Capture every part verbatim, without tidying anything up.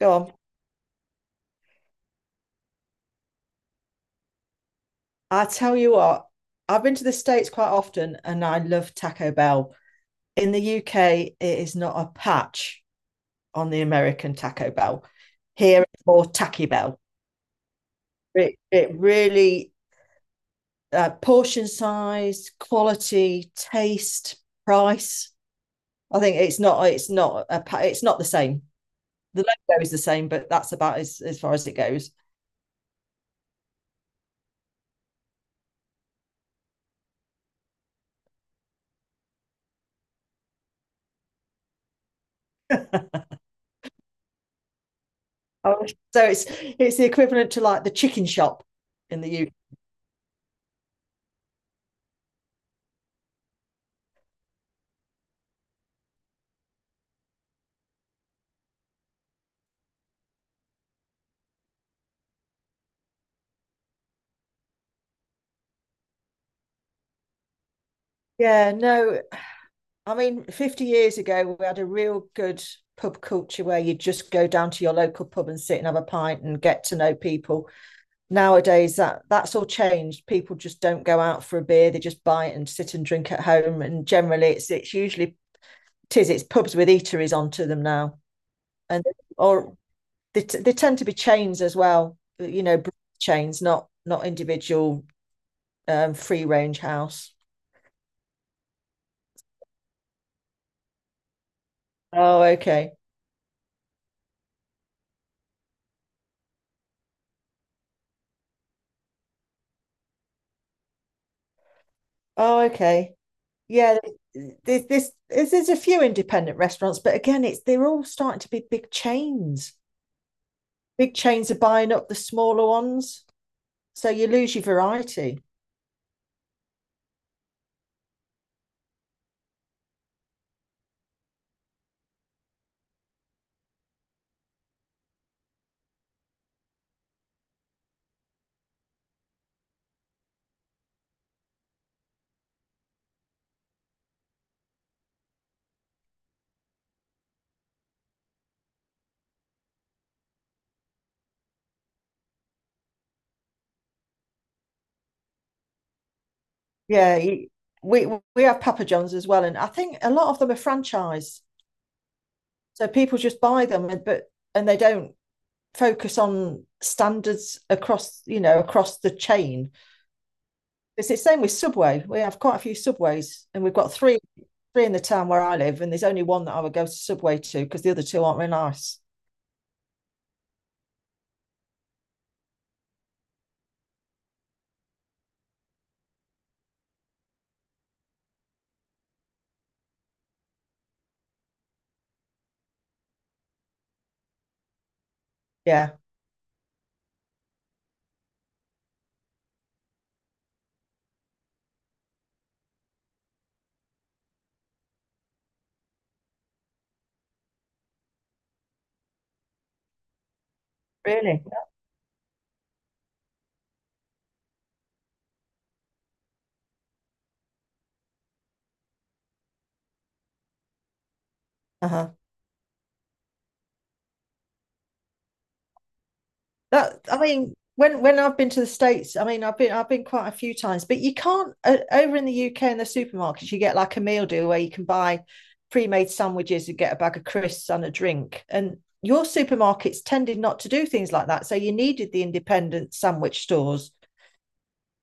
Go on. I tell you what, I've been to the States quite often and I love Taco Bell. In the U K, it is not a patch on the American Taco Bell. Here, it's more Tacky Bell. It, it really, uh, portion size, quality, taste, price. I think it's not, it's not a, it's not the same. The logo is the same, but that's about as, as far as it goes. Oh, so it's it's the equivalent to like the chicken shop in the U K. Yeah, no, I mean, fifty years ago, we had a real good pub culture where you just go down to your local pub and sit and have a pint and get to know people. Nowadays that that's all changed. People just don't go out for a beer, they just buy it and sit and drink at home. And generally it's it's usually tis it's pubs with eateries onto them now, and or they, t- they tend to be chains as well, you know, chains, not not individual um, free range house. Oh, okay. Oh, okay. Yeah, there's this there's, there's a few independent restaurants, but again, it's they're all starting to be big chains. Big chains are buying up the smaller ones, so you lose your variety. Yeah, you, we we have Papa John's as well, and I think a lot of them are franchise. So people just buy them, and- but and they don't focus on standards across, you know, across the chain. It's the same with Subway. We have quite a few Subways, and we've got three three in the town where I live, and there's only one that I would go to Subway to because the other two aren't very nice. Yeah, really. Uh huh. That I mean, when when I've been to the states, I mean, I've been I've been quite a few times, but you can't uh, over in the U K in the supermarkets, you get like a meal deal where you can buy pre-made sandwiches and get a bag of crisps and a drink. And your supermarkets tended not to do things like that, so you needed the independent sandwich stores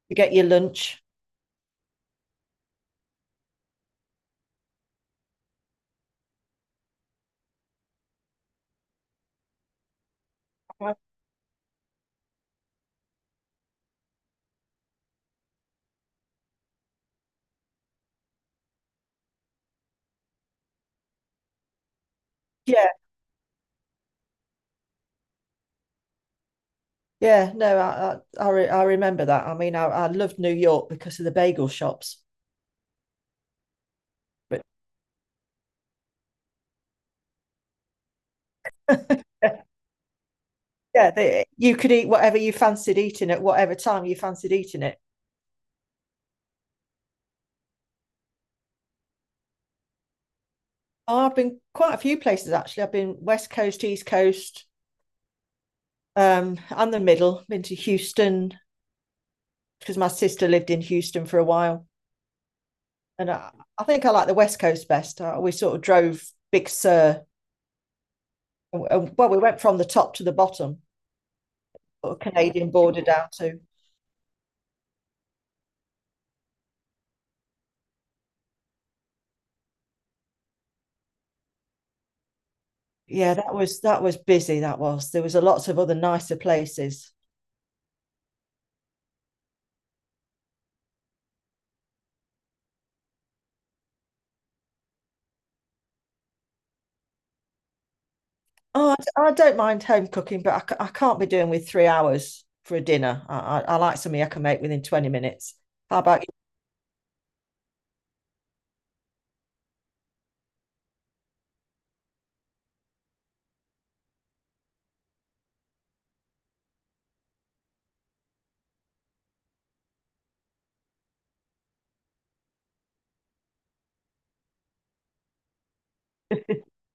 to get your lunch. Uh-huh. Yeah, yeah, no, I I, I remember that. I mean, I, I loved New York because of the bagel shops. But yeah, they, you could eat whatever you fancied eating at whatever time you fancied eating it. Oh, I've been quite a few places actually. I've been West Coast, East Coast, um, and the middle. Been to Houston because my sister lived in Houston for a while, and I, I think I like the West Coast best. I, we sort of drove Big Sur. uh, Well, we went from the top to the bottom, or Canadian border down to. Yeah, that was that was busy. That was there was a lots of other nicer places. Oh, I, I don't mind home cooking, but I, I can't be doing with three hours for a dinner. I, I, I like something I can make within twenty minutes. How about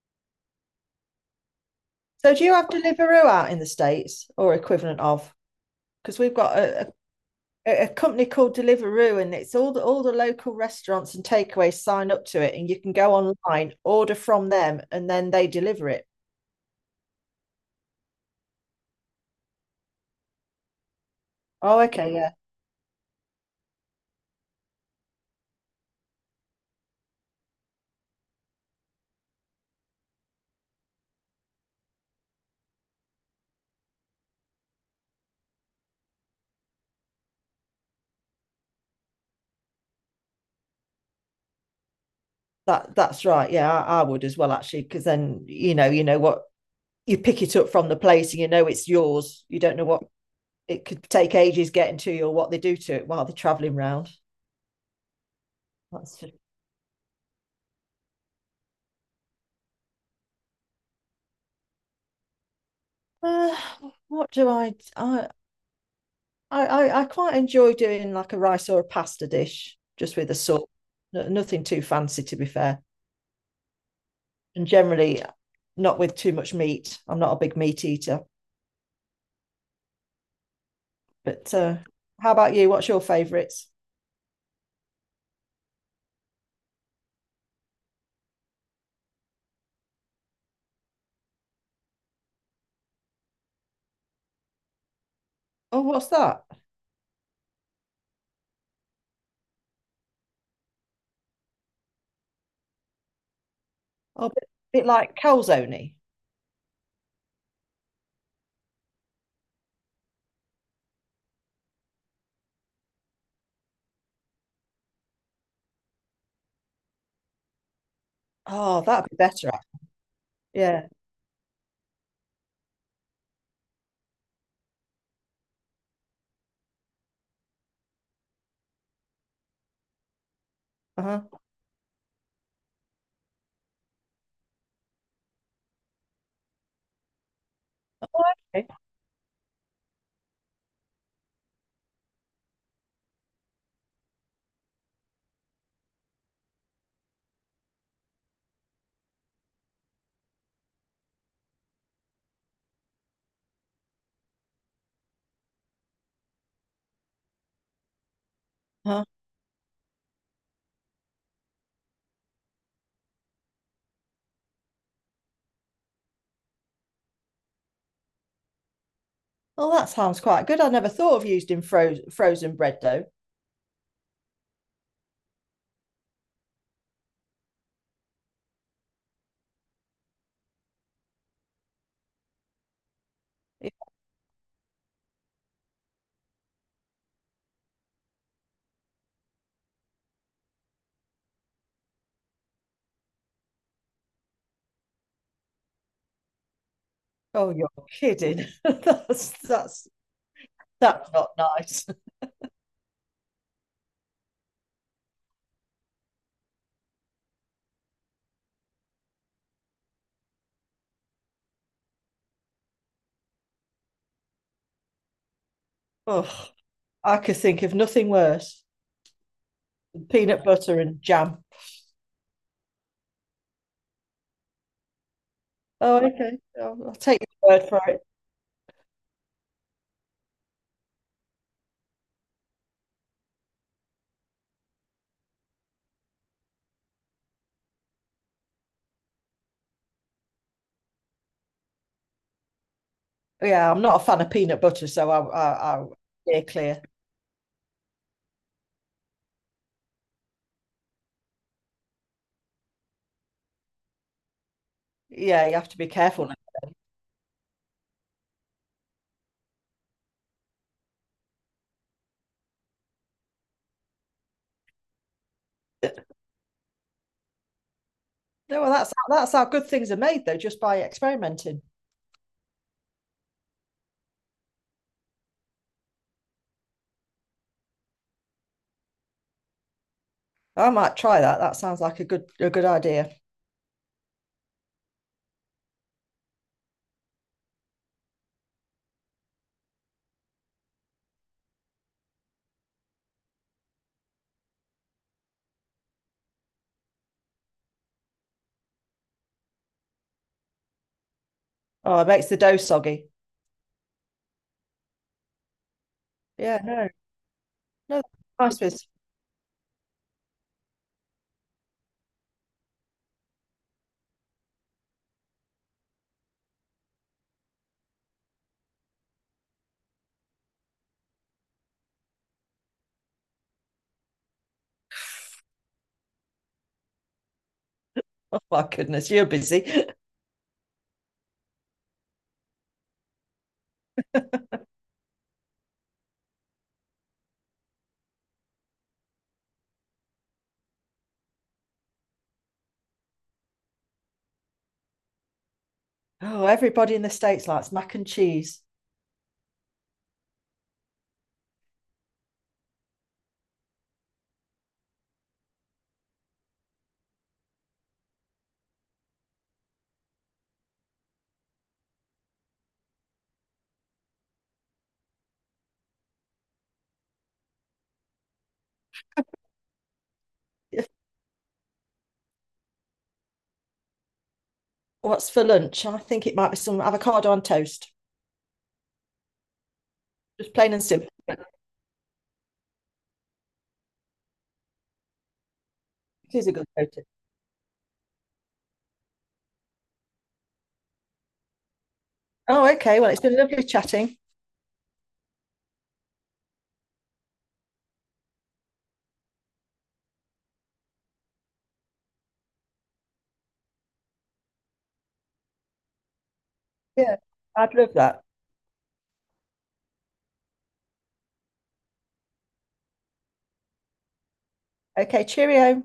So do you have Deliveroo out in the States or equivalent of? Because we've got a, a, a company called Deliveroo, and it's all the all the local restaurants and takeaways sign up to it, and you can go online, order from them, and then they deliver it. Oh, okay, yeah. That that's right. Yeah, I, I would as well actually, because then you know, you know what, you pick it up from the place and you know it's yours. You don't know what, it could take ages getting to you or what they do to it while they're traveling round. That's uh, what do I, I I I quite enjoy doing like a rice or a pasta dish just with a sauce. No- Nothing too fancy to be fair, and generally not with too much meat. I'm not a big meat eater, but uh, how about you? What's your favourites? Oh, what's that? Oh, a bit, bit like calzone. Oh, that'd be better. ac- Yeah. Uh-huh. Oh, okay. Uh-huh. Oh, that sounds quite good. I never thought of using froze, frozen bread dough. Yeah. Oh, you're kidding. That's that's that's not nice. Oh, I could think of nothing worse than peanut butter and jam. Oh, okay. I'll, I'll take your word for it. Yeah, I'm not a fan of peanut butter, so I I I steer clear. Yeah, you have to be careful. No, well, that's that's how good things are made though, just by experimenting. I might try that. That sounds like a good a good idea. Oh, it makes the dough soggy. Yeah, no, no, nice biz. Oh my goodness, you're busy. Oh, everybody in the states likes mac and cheese. What's for lunch? I think it might be some avocado on toast, just plain and simple. It is a good go-to. Oh, okay. Well, it's been lovely chatting. Yeah, I'd love that. Okay, cheerio.